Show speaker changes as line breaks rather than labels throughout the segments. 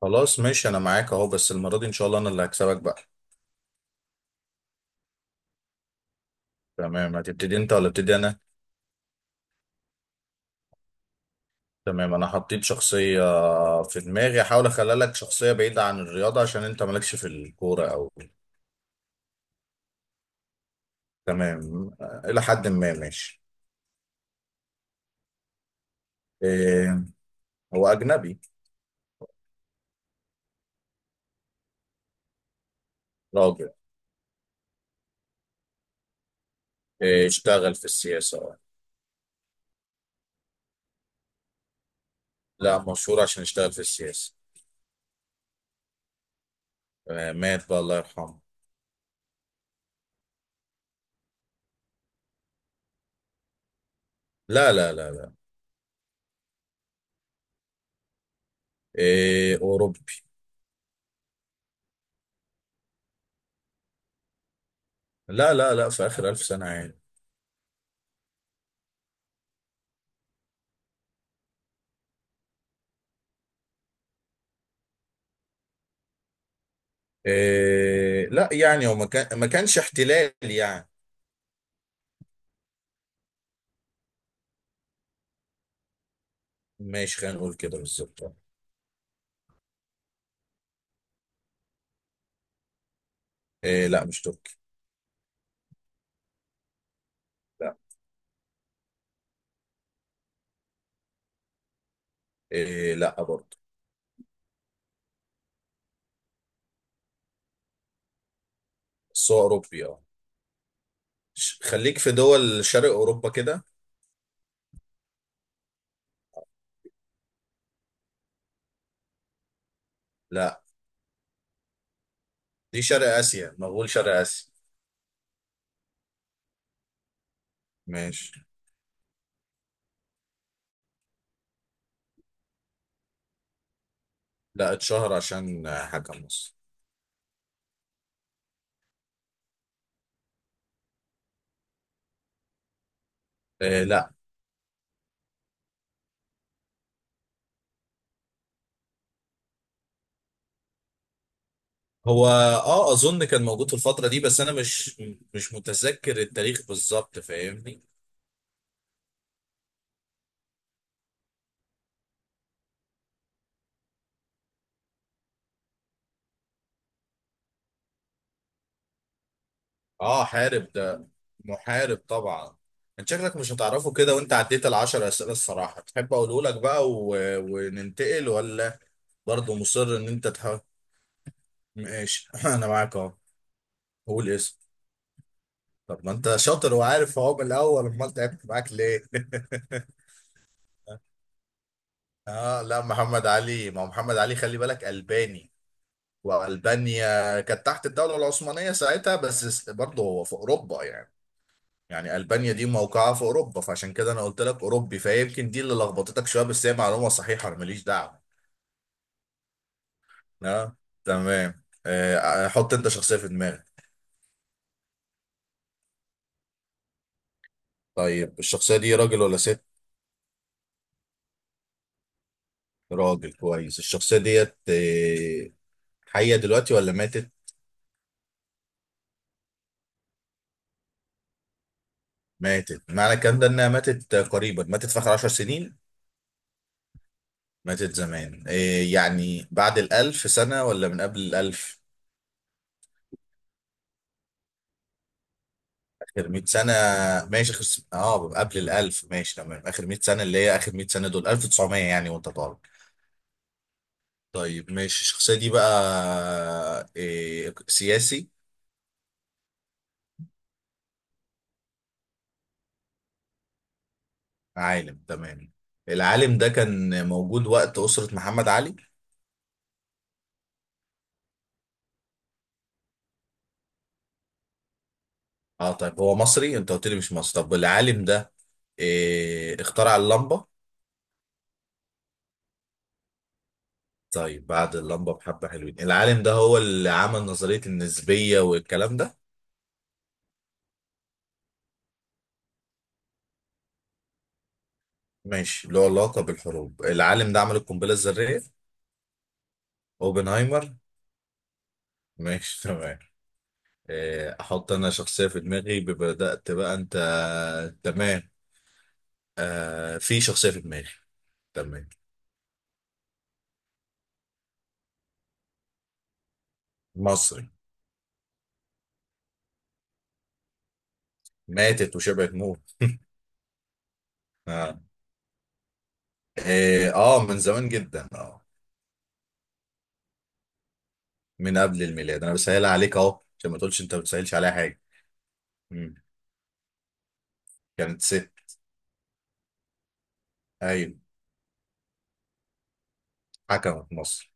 خلاص ماشي انا معاك اهو. بس المره دي ان شاء الله انا اللي هكسبك بقى. تمام، هتبتدي انت ولا ابتدي انا؟ تمام انا حطيت شخصيه في دماغي، احاول اخلي لك شخصيه بعيده عن الرياضه عشان انت مالكش في الكوره او تمام. الى حد ما ماشي. إيه، هو اجنبي. راجل. إيه، اشتغل في السياسه لا مشهور عشان اشتغل في السياسه. مات بقى، الله يرحمه. لا لا لا لا. إيه اوروبي. لا لا لا، في اخر الف سنه عادي. إيه لا، يعني هو ما كانش احتلال يعني. ماشي خلينا نقول كده بالظبط. إيه لا، مش تركي. لا. إيه لا برضه. بس هو اوروبي اه. خليك في دول شرق اوروبا كده. لا، دي شرق اسيا، مغول شرق اسيا. ماشي. لا، اتشهر عشان حاجه مصر. إيه لا. هو اه اظن كان موجود في الفتره دي، بس انا مش متذكر التاريخ بالظبط، فاهمني. اه حارب ده، محارب طبعا. انت شكلك مش هتعرفه كده وانت عديت العشر اسئله، الصراحه تحب اقوله لك بقى وننتقل ولا برضه مصر ان انت تحاول؟ ماشي انا معاك اهو. قول اسم. طب ما انت شاطر وعارف اهو من الاول، امال تعبت معاك ليه؟ اه لا محمد علي، ما هو محمد علي، خلي بالك الباني. والبانيا كانت تحت الدوله العثمانيه ساعتها، بس برضه هو في اوروبا يعني. يعني ألبانيا دي موقعها في أوروبا، فعشان كده أنا قلت لك أوروبي، فيمكن دي اللي لخبطتك شوية، بس هي معلومة صحيحة أنا ماليش دعوة. أه. تمام، حط أنت شخصية في دماغك. طيب الشخصية دي راجل ولا ست؟ راجل كويس. الشخصية ديت حية دلوقتي ولا ماتت؟ ماتت، معنى الكلام ده إنها ماتت قريبا، ماتت في آخر عشر سنين؟ ماتت زمان يعني بعد الألف سنة ولا من قبل الألف؟ اخر 100 سنه. ماشي، اه قبل ال 1000، ماشي تمام، اخر 100 سنه، اللي هي اخر 100 سنه دول 1900 يعني وانت طالب. طيب ماشي، الشخصيه دي بقى إيه، سياسي؟ عالم. تمام، العالم ده كان موجود وقت اسره محمد علي. اه طيب هو مصري؟ انت قلت لي مش مصري. طب العالم ده إيه، اخترع اللمبه؟ طيب بعد اللمبه بحبه حلوين. العالم ده هو اللي عمل نظريه النسبيه والكلام ده؟ ماشي له علاقه بالحروب. العالم ده عمل القنبله الذريه. اوبنهايمر. ماشي تمام. احط انا شخصية في دماغي، بدأت بقى انت. تمام. في شخصية في دماغي. تمام. مصري. ماتت وشبعت موت. اه. من زمان جدا اه. من قبل الميلاد، انا بسهلها عليك اهو عشان ما تقولش انت ما بتسهلش عليها حاجة. مم. كانت ست. ايوه. حكمت مصر.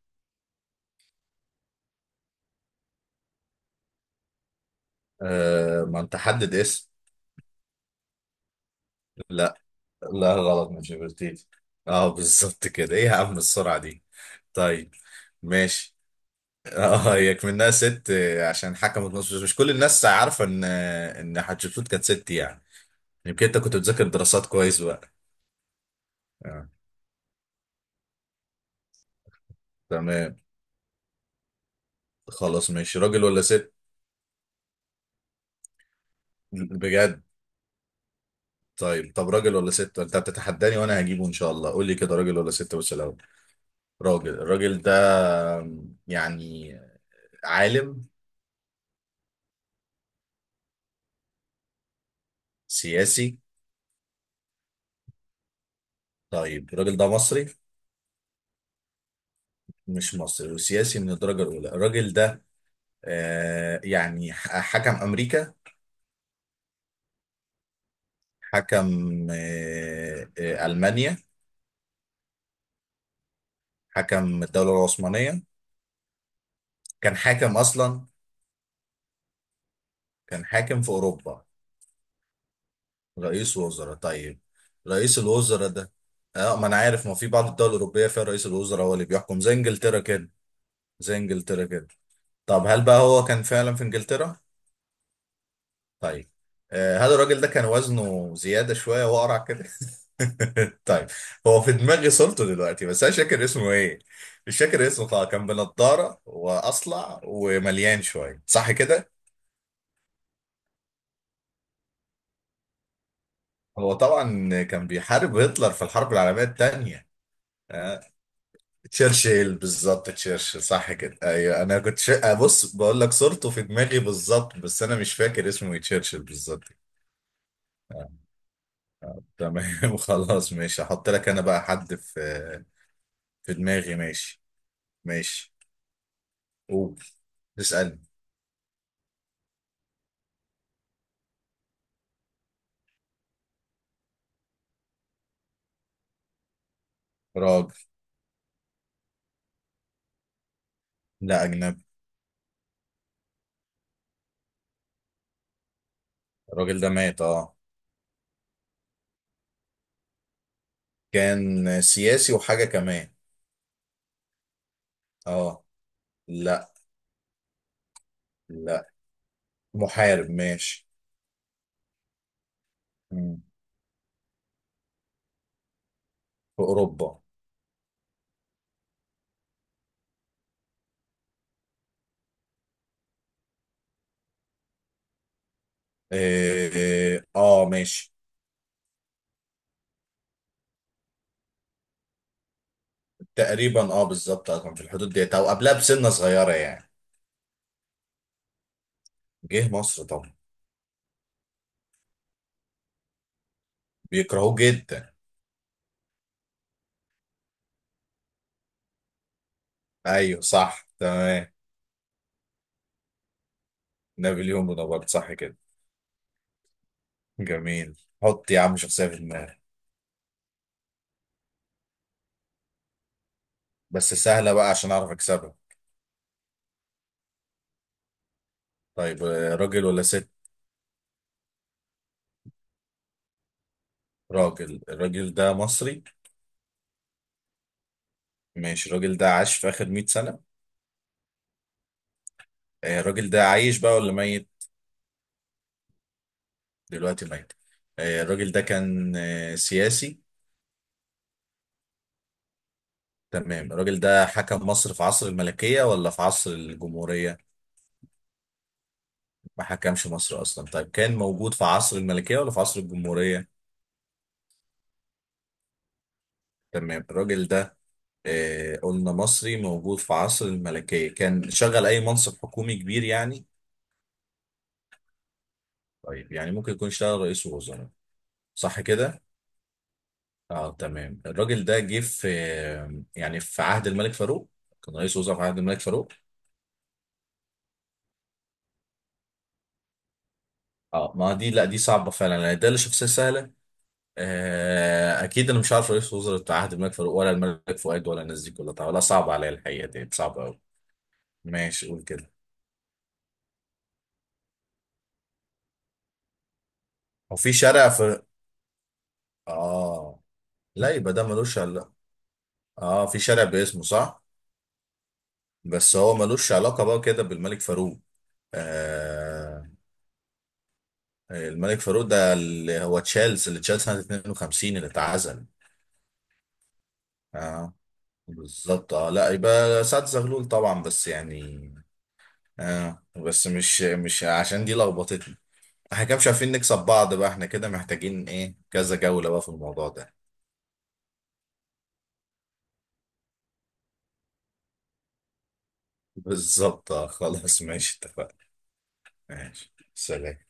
ما انت حدد اسم. لا. لا غلط، مش برتيتي. اه بالظبط كده، ايه يا عم السرعة دي؟ طيب ماشي. اه هي منها ست عشان حكمت مصر، بس مش كل الناس عارفه ان حتشبسوت كانت ست يعني. يمكن انت كنت بتذاكر دراسات كويس بقى. آه. تمام. خلاص ماشي، راجل ولا ست؟ بجد؟ طيب، طب راجل ولا ست؟ انت بتتحداني وانا هجيبه ان شاء الله. قول لي كده راجل ولا ست بس الاول. راجل. الراجل ده يعني عالم؟ سياسي. طيب الراجل ده مصري؟ مش مصري وسياسي من الدرجه الاولى، الراجل ده يعني حكم امريكا؟ حكم ألمانيا؟ حكم الدولة العثمانية؟ كان حاكم أصلا؟ كان حاكم في أوروبا. رئيس وزراء طيب. رئيس الوزراء ده اه ما أنا عارف ما في بعض الدول الأوروبية فيها رئيس الوزراء هو اللي بيحكم زي إنجلترا كده. زي إنجلترا كده. طب هل بقى هو كان فعلا في إنجلترا؟ طيب هل الراجل ده كان وزنه زيادة شوية وقرع كده؟ طيب، هو في دماغي صورته دلوقتي بس انا مش فاكر اسمه ايه. مش فاكر اسمه خالص، كان بنضاره واصلع ومليان شويه صح كده. هو طبعا كان بيحارب هتلر في الحرب العالميه الثانيه. آه، تشرشل بالظبط، تشرشل صح كده. ايوه انا كنت شا... آه، بص بقول لك صورته في دماغي بالظبط، بس انا مش فاكر اسمه ايه، تشرشل بالظبط. آه، تمام خلاص ماشي، هحط لك انا بقى حد في دماغي. ماشي. ماشي. قول. اسالني. راجل. لا اجنبي. الراجل ده مات اه. كان سياسي وحاجة كمان. اه. لا. لا. محارب. ماشي. مم. في أوروبا. إيه، اه ماشي. تقريبا اه، بالظبط اه، كان في الحدود ديت او قبلها بسنة صغيرة يعني. جه مصر طبعا. بيكرهوه جدا. ايوه صح تمام. نابليون بونابرت صح كده. جميل. حط يا عم شخصية في دماغك. بس سهلة بقى عشان اعرف اكسبها. طيب، راجل ولا ست؟ راجل. الراجل ده مصري. ماشي، الراجل ده عاش في آخر 100 سنة. الراجل ده عايش بقى ولا ميت؟ دلوقتي ميت. الراجل ده كان سياسي. تمام، الراجل ده حكم مصر في عصر الملكية ولا في عصر الجمهورية؟ ما حكمش مصر أصلا؟ طيب كان موجود في عصر الملكية ولا في عصر الجمهورية؟ تمام، الراجل ده قلنا مصري، موجود في عصر الملكية، كان شغل أي منصب حكومي كبير يعني؟ طيب، يعني ممكن يكون اشتغل رئيس وزراء؟ صح كده. اه تمام. الراجل ده جه في يعني في عهد الملك فاروق؟ كان رئيس وزراء في عهد الملك فاروق؟ اه، ما دي لا دي صعبه فعلا يعني، ده اللي شخصيه سهله. آه اكيد انا مش عارف رئيس وزراء عهد الملك فاروق ولا الملك فؤاد ولا الناس دي كلها طبعا، لا صعب عليا الحقيقه، دي صعبه قوي. ماشي قول كده. هو في شارع في اه؟ لا يبقى ده ملوش علاقه. اه في شارع باسمه صح، بس هو ملوش علاقه بقى كده بالملك فاروق. آه. الملك فاروق ده اللي هو تشيلس، اللي تشيلس سنه 52 اللي اتعزل. اه بالظبط اه. لا يبقى سعد زغلول طبعا بس يعني. اه، بس مش عشان دي لخبطتني. احنا كده مش عارفين نكسب بعض بقى، احنا كده محتاجين ايه كذا جولة بقى في الموضوع ده. بالظبط. خلاص ماشي، اتفقنا. ماشي سلام.